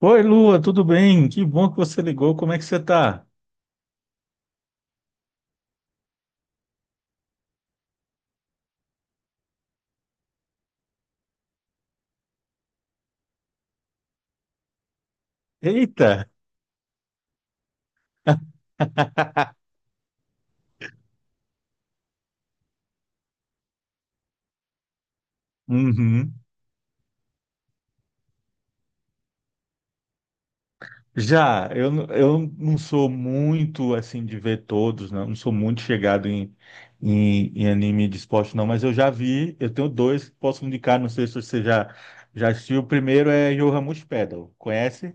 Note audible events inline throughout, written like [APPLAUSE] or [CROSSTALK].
Oi, Lua, tudo bem? Que bom que você ligou. Como é que você tá? Eita! Uhum. Já, eu não sou muito assim de ver todos, não, não sou muito chegado em anime de esporte, não, mas eu já vi, eu tenho dois que posso indicar, não sei se você já assistiu. O primeiro é Yoramushi Pedal, conhece?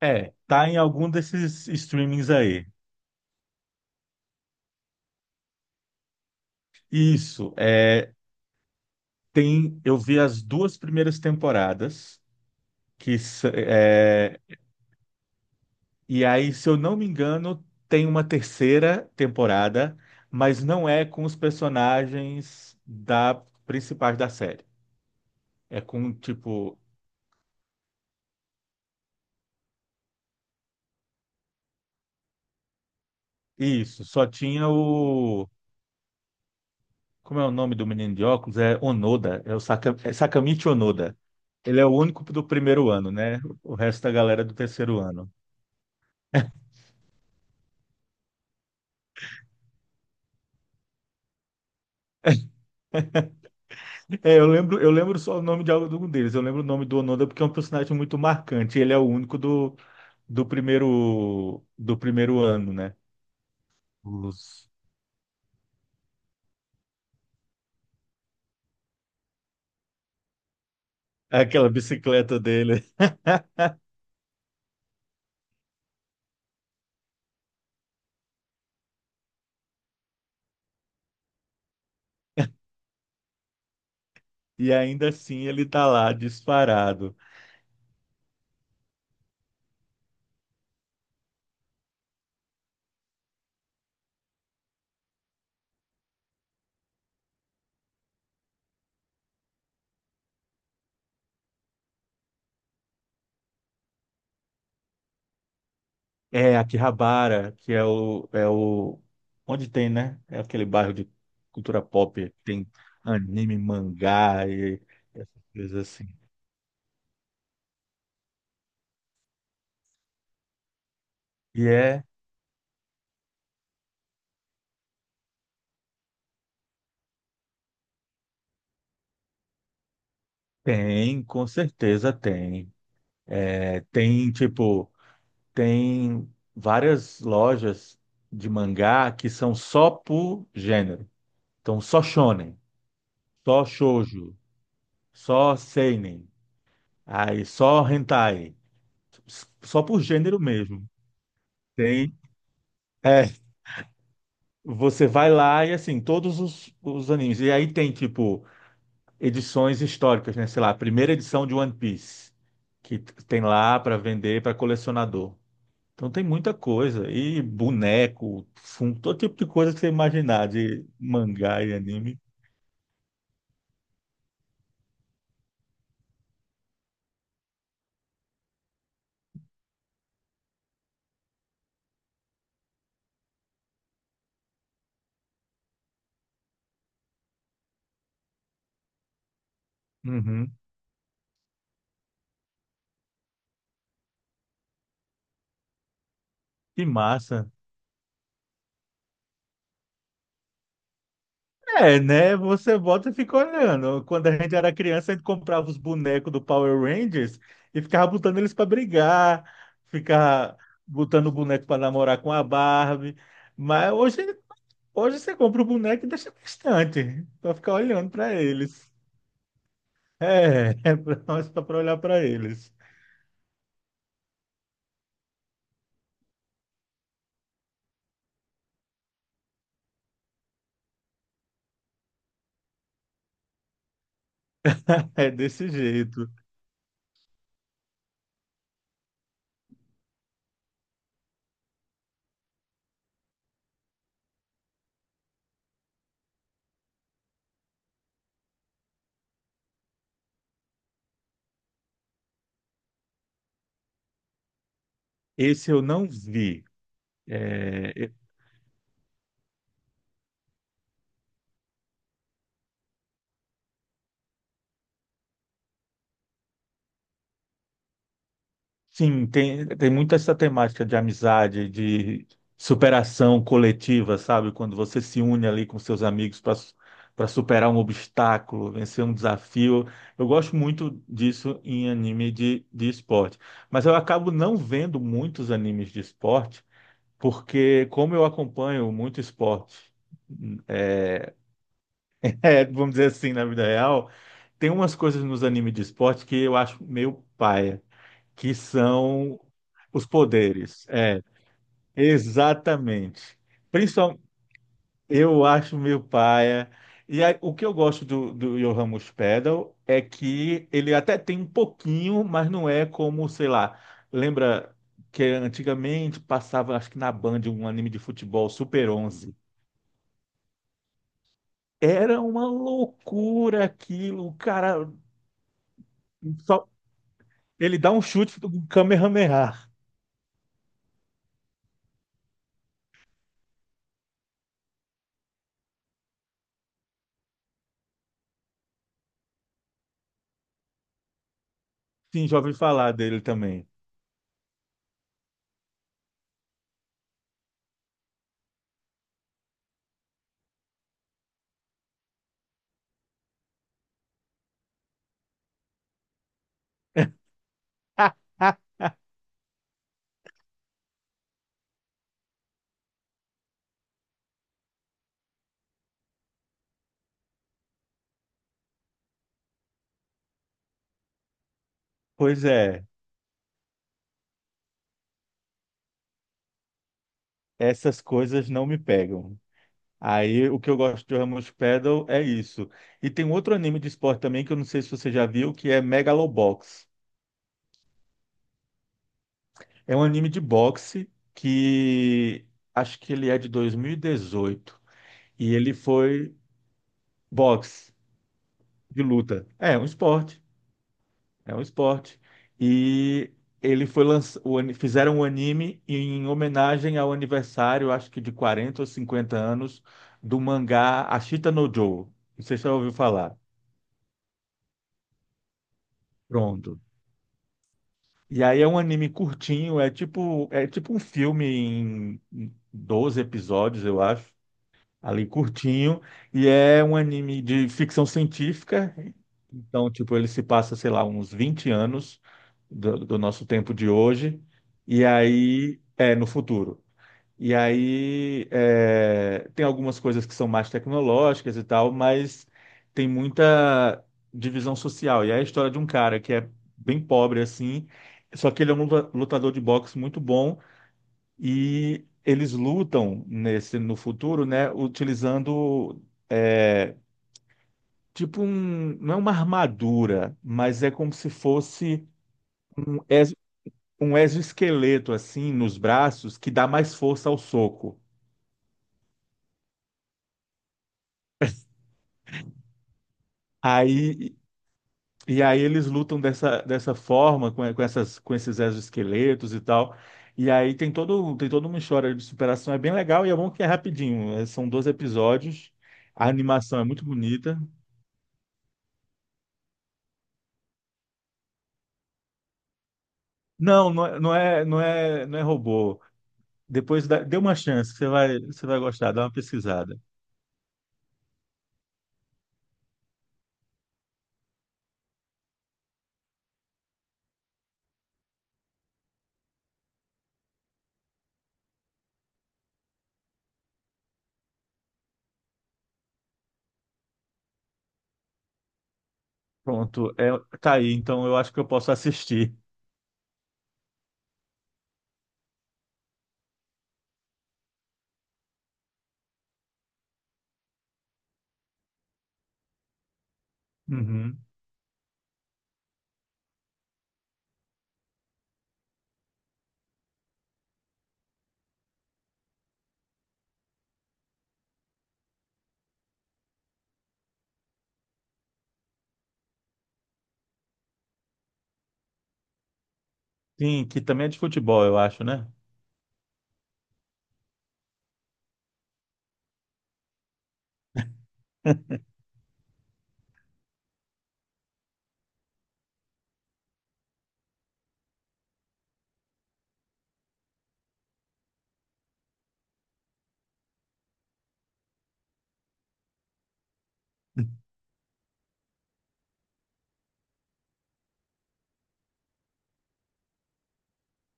É, tá em algum desses streamings aí. Isso, é, tem, eu vi as duas primeiras temporadas. que s- é, E aí, se eu não me engano, tem uma terceira temporada, mas não é com os personagens da principais da série. É com, tipo, isso, só tinha o. Como é o nome do menino de óculos? É Onoda, é Sakamichi Onoda. Ele é o único do primeiro ano, né? O resto da galera é do terceiro ano. É, eu lembro só o nome de algum deles. Eu lembro o nome do Onoda porque é um personagem muito marcante. Ele é o único do primeiro ano, né? Os- Aquela bicicleta dele. E ainda assim ele tá lá disparado. É Akihabara, que é o, é o. Onde tem, né? É aquele bairro de cultura pop. Tem anime, mangá e essas coisas assim. E é. Tem, com certeza tem. É, tem, tipo, tem várias lojas de mangá que são só por gênero. Então, só shonen, só shoujo, só seinen. Aí só hentai, só por gênero mesmo. Tem. É, você vai lá e assim, todos os animes. E aí tem, tipo, edições históricas, né? Sei lá, a primeira edição de One Piece, que tem lá para vender para colecionador. Então tem muita coisa. E boneco, fundo, todo tipo de coisa que você imaginar de mangá e anime. Uhum. Que massa. É, né? Você volta e fica olhando. Quando a gente era criança, a gente comprava os bonecos do Power Rangers e ficava botando eles para brigar, ficava botando o boneco para namorar com a Barbie. Mas hoje você compra o boneco e deixa bastante para ficar olhando para eles. É, [LAUGHS] é para olhar para eles. [LAUGHS] É desse jeito. Esse eu não vi. É, sim, tem muito essa temática de amizade, de superação coletiva, sabe? Quando você se une ali com seus amigos para superar um obstáculo, vencer um desafio. Eu gosto muito disso em anime de esporte. Mas eu acabo não vendo muitos animes de esporte, porque como eu acompanho muito esporte, [LAUGHS] é, vamos dizer assim, na vida real, tem umas coisas nos animes de esporte que eu acho meio paia que são os poderes. É, exatamente. Principalmente, eu acho meio paia. E aí, o que eu gosto do Johan Muspedal é que ele até tem um pouquinho, mas não é como, sei lá, lembra que antigamente passava, acho que na Band, um anime de futebol, Super 11. Era uma loucura aquilo, o cara. Só, ele dá um chute do um Kamehameha. Sim, já ouvi falar dele também. [LAUGHS] Pois é. Essas coisas não me pegam. Aí o que eu gosto de Ramos Paddle é isso. E tem um outro anime de esporte também que eu não sei se você já viu, que é Megalobox. É um anime de boxe que acho que ele é de 2018 e dezoito. E ele foi boxe de luta. É, um esporte. É um esporte. E ele foi lanç o ani- fizeram um anime em homenagem ao aniversário, acho que de 40 ou 50 anos, do mangá Ashita no Joe. Não sei se você já ouviu falar. Pronto. E aí é um anime curtinho, é tipo um filme em 12 episódios, eu acho. Ali curtinho, e é um anime de ficção científica. Então, tipo, ele se passa, sei lá, uns 20 anos do nosso tempo de hoje, e aí é no futuro. E aí é, tem algumas coisas que são mais tecnológicas e tal, mas tem muita divisão social. E é a história de um cara que é bem pobre assim, só que ele é um lutador de boxe muito bom e eles lutam nesse no futuro, né, utilizando é, tipo um, não é uma armadura, mas é como se fosse um, exo- um exoesqueleto assim nos braços que dá mais força ao soco. Aí e aí eles lutam dessa forma com esses exoesqueletos e tal. E aí tem todo tem toda uma história de superação, é bem legal e é bom que é rapidinho, são 12 episódios. A animação é muito bonita. Não, não é robô. Depois dê uma chance, você vai gostar, dá uma pesquisada. Pronto, é, tá aí, então eu acho que eu posso assistir. Uhum. Sim, que também é de futebol, eu acho, né?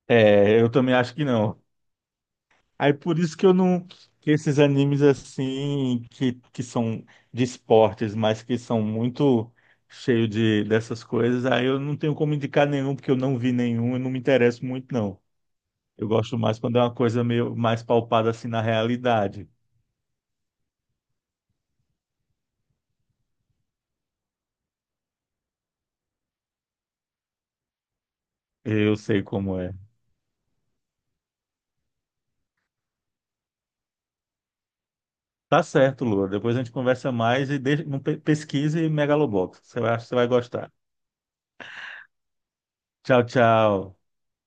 É, eu também acho que não. Aí por isso que eu não, que, esses animes assim, que são de esportes, mas que são muito cheios dessas coisas, aí eu não tenho como indicar nenhum, porque eu não vi nenhum, eu não me interesso muito, não. Eu gosto mais quando é uma coisa meio mais palpada assim na realidade. Eu sei como é. Tá certo, Lua. Depois a gente conversa mais e deixa, não pesquise Megalobox. Você vai gostar. Tchau, tchau.